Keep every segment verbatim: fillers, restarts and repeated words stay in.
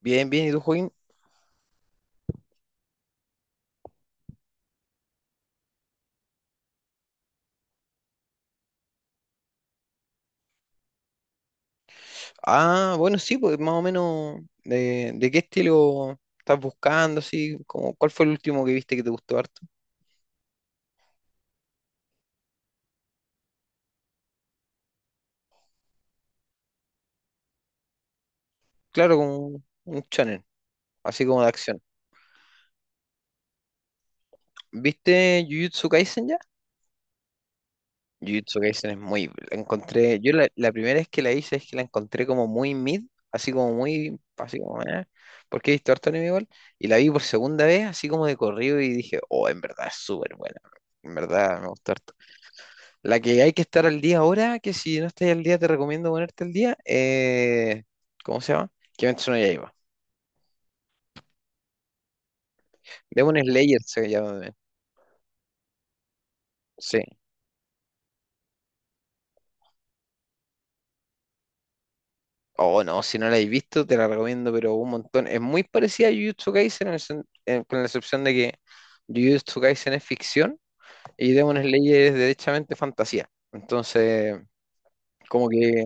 Bien, bien, ¿y tú, Joaquín? Ah, bueno, sí, pues más o menos de, de qué estilo estás buscando, así, como, ¿cuál fue el último que viste que te gustó harto? Claro, como un channel así como de acción. ¿Viste Jujutsu Kaisen ya? Jujutsu Kaisen es muy, la encontré, yo la, la primera vez que la hice es que la encontré como muy mid, así como muy, así como, eh, porque he visto harto anime igual, y la vi por segunda vez, así como de corrido, y dije, oh, en verdad es súper buena, en verdad me gustó harto. La que hay que estar al día ahora, que si no estás al día te recomiendo ponerte al día, eh, ¿cómo se llama? Kimetsu no Yaiba. Demon Slayer se llama. también. Sí. Oh, no, si no la has visto, te la recomiendo, pero un montón. Es muy parecida a Jujutsu Kaisen, en el sen- en- con la excepción de que Jujutsu Kaisen es ficción y Demon Slayer es derechamente fantasía. Entonces, como que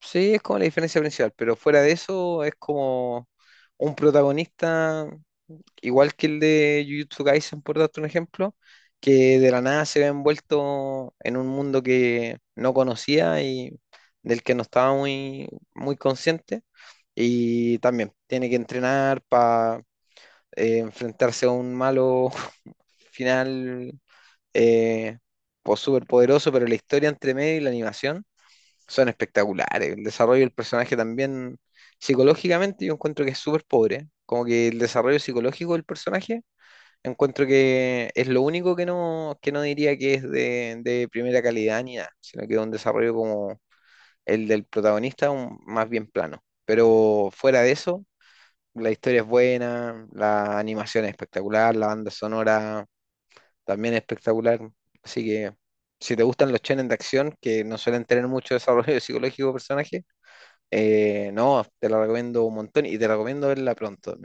sí, es como la diferencia principal, pero fuera de eso es como un protagonista igual que el de Jujutsu Kaisen, por darte un ejemplo, que de la nada se ve envuelto en un mundo que no conocía y del que no estaba muy, muy consciente. Y también tiene que entrenar para enfrentarse a un malo final eh, pues súper poderoso, pero la historia entre medio y la animación son espectaculares. El desarrollo del personaje también psicológicamente yo encuentro que es súper pobre. Como que el desarrollo psicológico del personaje Encuentro que es lo único que no, que no diría que es de, de primera calidad ni nada, sino que es un desarrollo como el del protagonista, un- más bien plano. Pero fuera de eso, la historia es buena, la animación es espectacular, la banda sonora también es espectacular. Así que si te gustan los shonen de acción, que no suelen tener mucho desarrollo psicológico de personaje, eh, no, te la recomiendo un montón y te recomiendo verla pronto,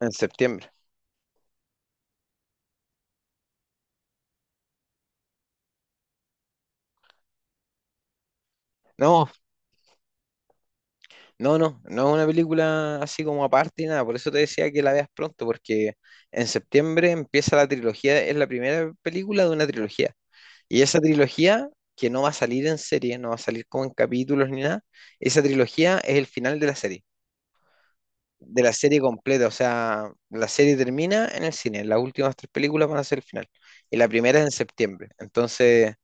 en septiembre. No, No, no, no es una película así como aparte y nada, por eso te decía que la veas pronto, porque en septiembre empieza la trilogía, es la primera película de una trilogía. Y esa trilogía, que no va a salir en serie, no va a salir como en capítulos ni nada, esa trilogía es el final de la serie, de la serie completa, o sea, la serie termina en el cine, las últimas tres películas van a ser el final, y la primera es en septiembre. Entonces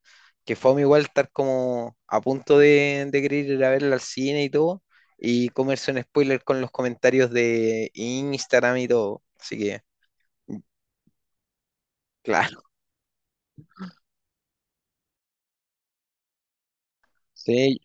que fue igual estar como a punto de, de querer ir a verla al cine y todo, y comerse un spoiler con los comentarios de Instagram y todo. Así que, mm, claro. Sí,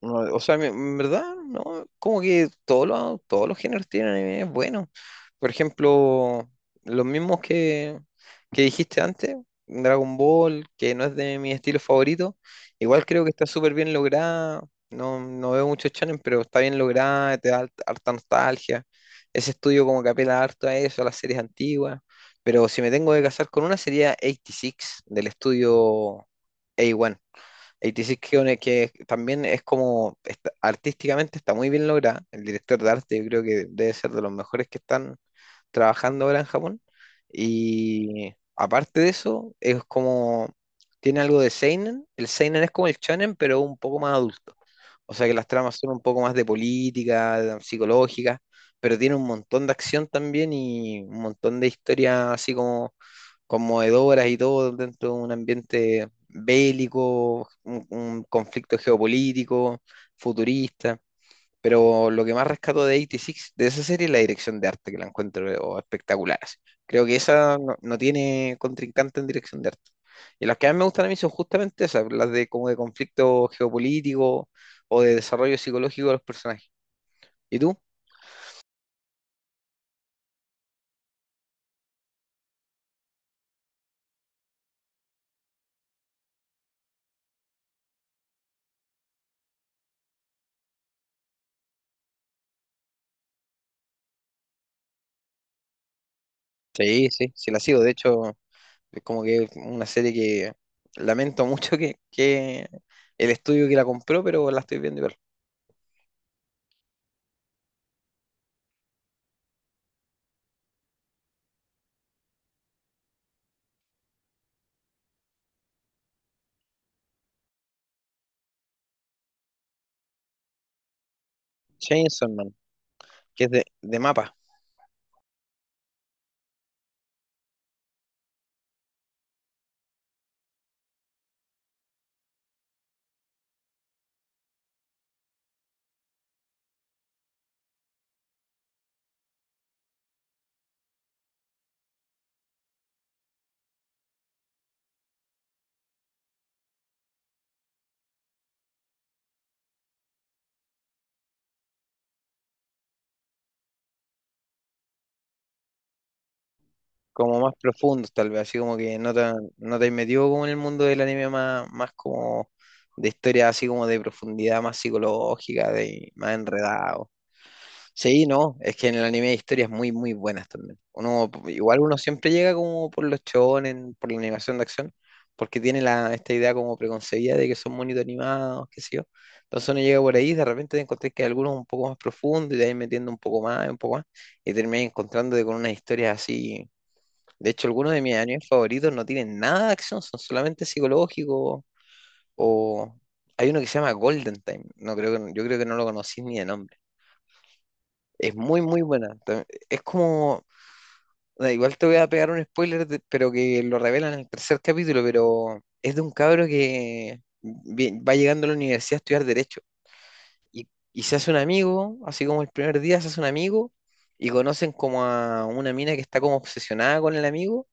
no, o sea, me- en verdad, no, como que todos los, todos los géneros tienen anime bueno. Por ejemplo, los mismos que, que dijiste antes, Dragon Ball, que no es de mi estilo favorito, igual creo que está súper bien lograda. No, no veo muchos shonen, pero está bien lograda, te da hart- harta nostalgia. Ese estudio como que apela harto a eso, a las series antiguas. Pero si me tengo que casar con una sería ochenta y seis del estudio A uno. ochenta y seis que, que también es como está- artísticamente está muy bien lograda. El director de arte yo creo que debe ser de los mejores que están trabajando ahora en Japón. Y aparte de eso, es como, tiene algo de seinen. El seinen es como el shonen, pero un poco más adulto. O sea que las tramas son un poco más de política, de- psicológica, pero tiene un montón de acción también y un montón de historias así como conmovedoras y todo dentro de un ambiente bélico, un, un conflicto geopolítico, futurista. Pero lo que más rescato de ochenta y seis, de esa serie, es la dirección de arte, que la encuentro oh, espectacular. así. Creo que esa no, no tiene contrincante en dirección de arte. Y las que a mí me gustan a mí son justamente esas, las de como de conflicto geopolítico o de desarrollo psicológico de los personajes. ¿Y tú? Sí, sí, sí la sigo. De hecho, es como que es una serie que lamento mucho que, que el estudio que la compró, pero la estoy viendo igual. Chainsaw Man, que es de, de mapa. Como más profundos tal vez, así como que no te, no te has metido como en el mundo del anime más, más como de historia así como de profundidad más psicológica, de más enredado. Sí, no, es que en el anime hay historias muy, muy buenas también. Uno, igual uno siempre llega como por los shonen, por la animación de acción, porque tiene la, esta idea como preconcebida de que son bonitos animados, qué sé yo. Entonces uno llega por ahí, y de repente te encontrás que hay algunos un poco más profundos y te vas metiendo un poco más, un poco más, y terminas encontrándote con unas historias así de hecho, algunos de mis animes favoritos no tienen nada de acción, son solamente psicológicos. O hay uno que se llama Golden Time. No creo que yo creo que no lo conocí ni de nombre. Es muy muy buena. tam- Es como da, igual te voy a pegar un spoiler, de- pero que lo revelan en el tercer capítulo, pero es de un cabro que vi- va llegando a la universidad a estudiar derecho y, y se hace un amigo, así como el primer día se hace un amigo y conocen como a una mina que está como obsesionada con el amigo.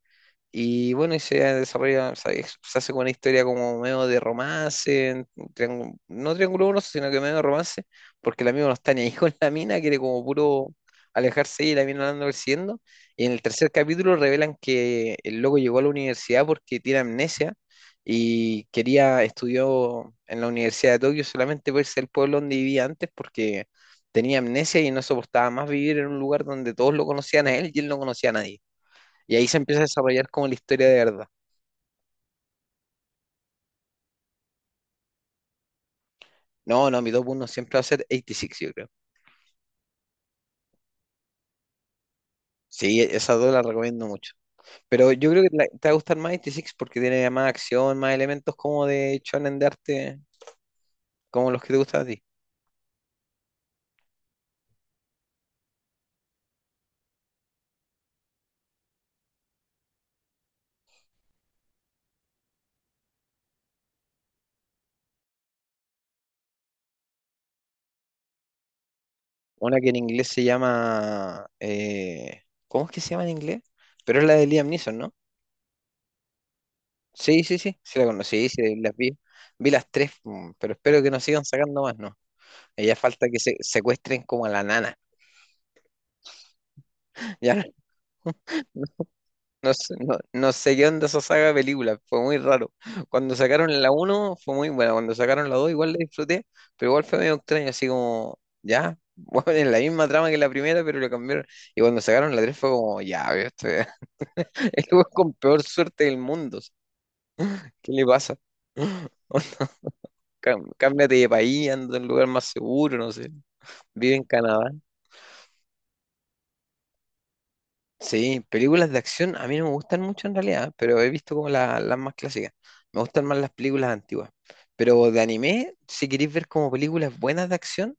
Y bueno, y se desarrolla, o sea, es- se hace como una historia como medio de romance, en- triángulo- no triángulo amoroso, sino que medio de romance, porque el amigo no está ni ahí con la mina, quiere como puro alejarse y la mina la anda persiguiendo. Y en el tercer capítulo revelan que el loco llegó a la universidad porque tiene amnesia y quería, estudió en la Universidad de Tokio solamente por ser el pueblo donde vivía antes, porque tenía amnesia y no soportaba más vivir en un lugar donde todos lo conocían a él y él no conocía a nadie. Y ahí se empieza a desarrollar como la historia de verdad. No, no, mi top uno siempre va a ser ochenta y seis, yo creo. Sí, esas dos las recomiendo mucho. Pero yo creo que la- te va a gustar más ochenta y seis porque tiene más acción, más elementos como de shonen de arte, como los que te gustan a ti. Una que en inglés se llama... eh, ¿cómo es que se llama en inglés? Pero es la de Liam Neeson, ¿no? Sí, sí, sí, sí la conocí, sí, sí, las vi. Vi las tres, mm, pero espero que nos sigan sacando más, ¿no? Ya falta que se secuestren como a la nana. Ya no sé, no, no sé qué onda esa saga de películas, fue muy raro. Cuando sacaron la uno fue muy buena, cuando sacaron la dos igual la disfruté, pero igual fue medio extraño, así como, ya, bueno, es la misma trama que la primera, pero lo cambiaron. Y cuando sacaron la tres fue como, ya, veo, esto ya- este weón con peor suerte del mundo, o sea, ¿qué le pasa? Cam- Cámbiate de país, anda en un lugar más seguro, no sé, vive en Canadá. Sí, películas de acción a mí no me gustan mucho en realidad, pero he visto como la- las más clásicas. Me gustan más las películas antiguas. Pero de anime, si queréis ver como películas buenas de acción,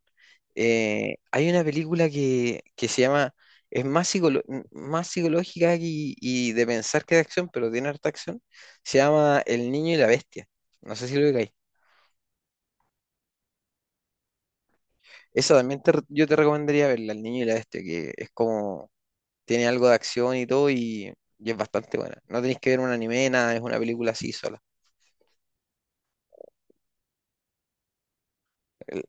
eh, hay una película que, que se llama, es más, psicolo- m- más psicológica y, y de pensar que de acción, pero tiene harta acción. Se llama El Niño y la Bestia. No sé si lo veis. Esa también te re- yo te recomendaría verla, El Niño y la Bestia, que es como tiene algo de acción y todo y, y es bastante buena. No tenéis que ver un anime, nada, es una película así sola. El-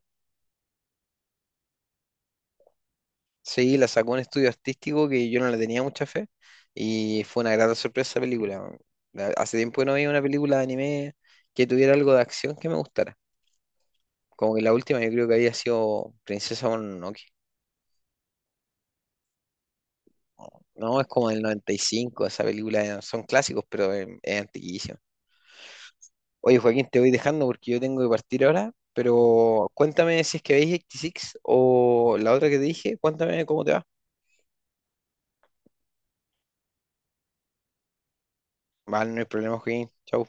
Sí, la sacó un estudio artístico que yo no le tenía mucha fe y fue una grata sorpresa esa película. weón. La- Hace tiempo que no veía una película de anime que tuviera algo de acción que me gustara. Como que la última yo creo que había sido Princesa Mononoke. No, es como del noventa y cinco esa película, eh, son clásicos, pero es, es antiquísima. Oye, Joaquín, te voy dejando porque yo tengo que partir ahora, pero cuéntame si es que veis ochenta y seis o la otra que te dije, cuéntame cómo te va. Vale, no hay problema, Joaquín. Chau.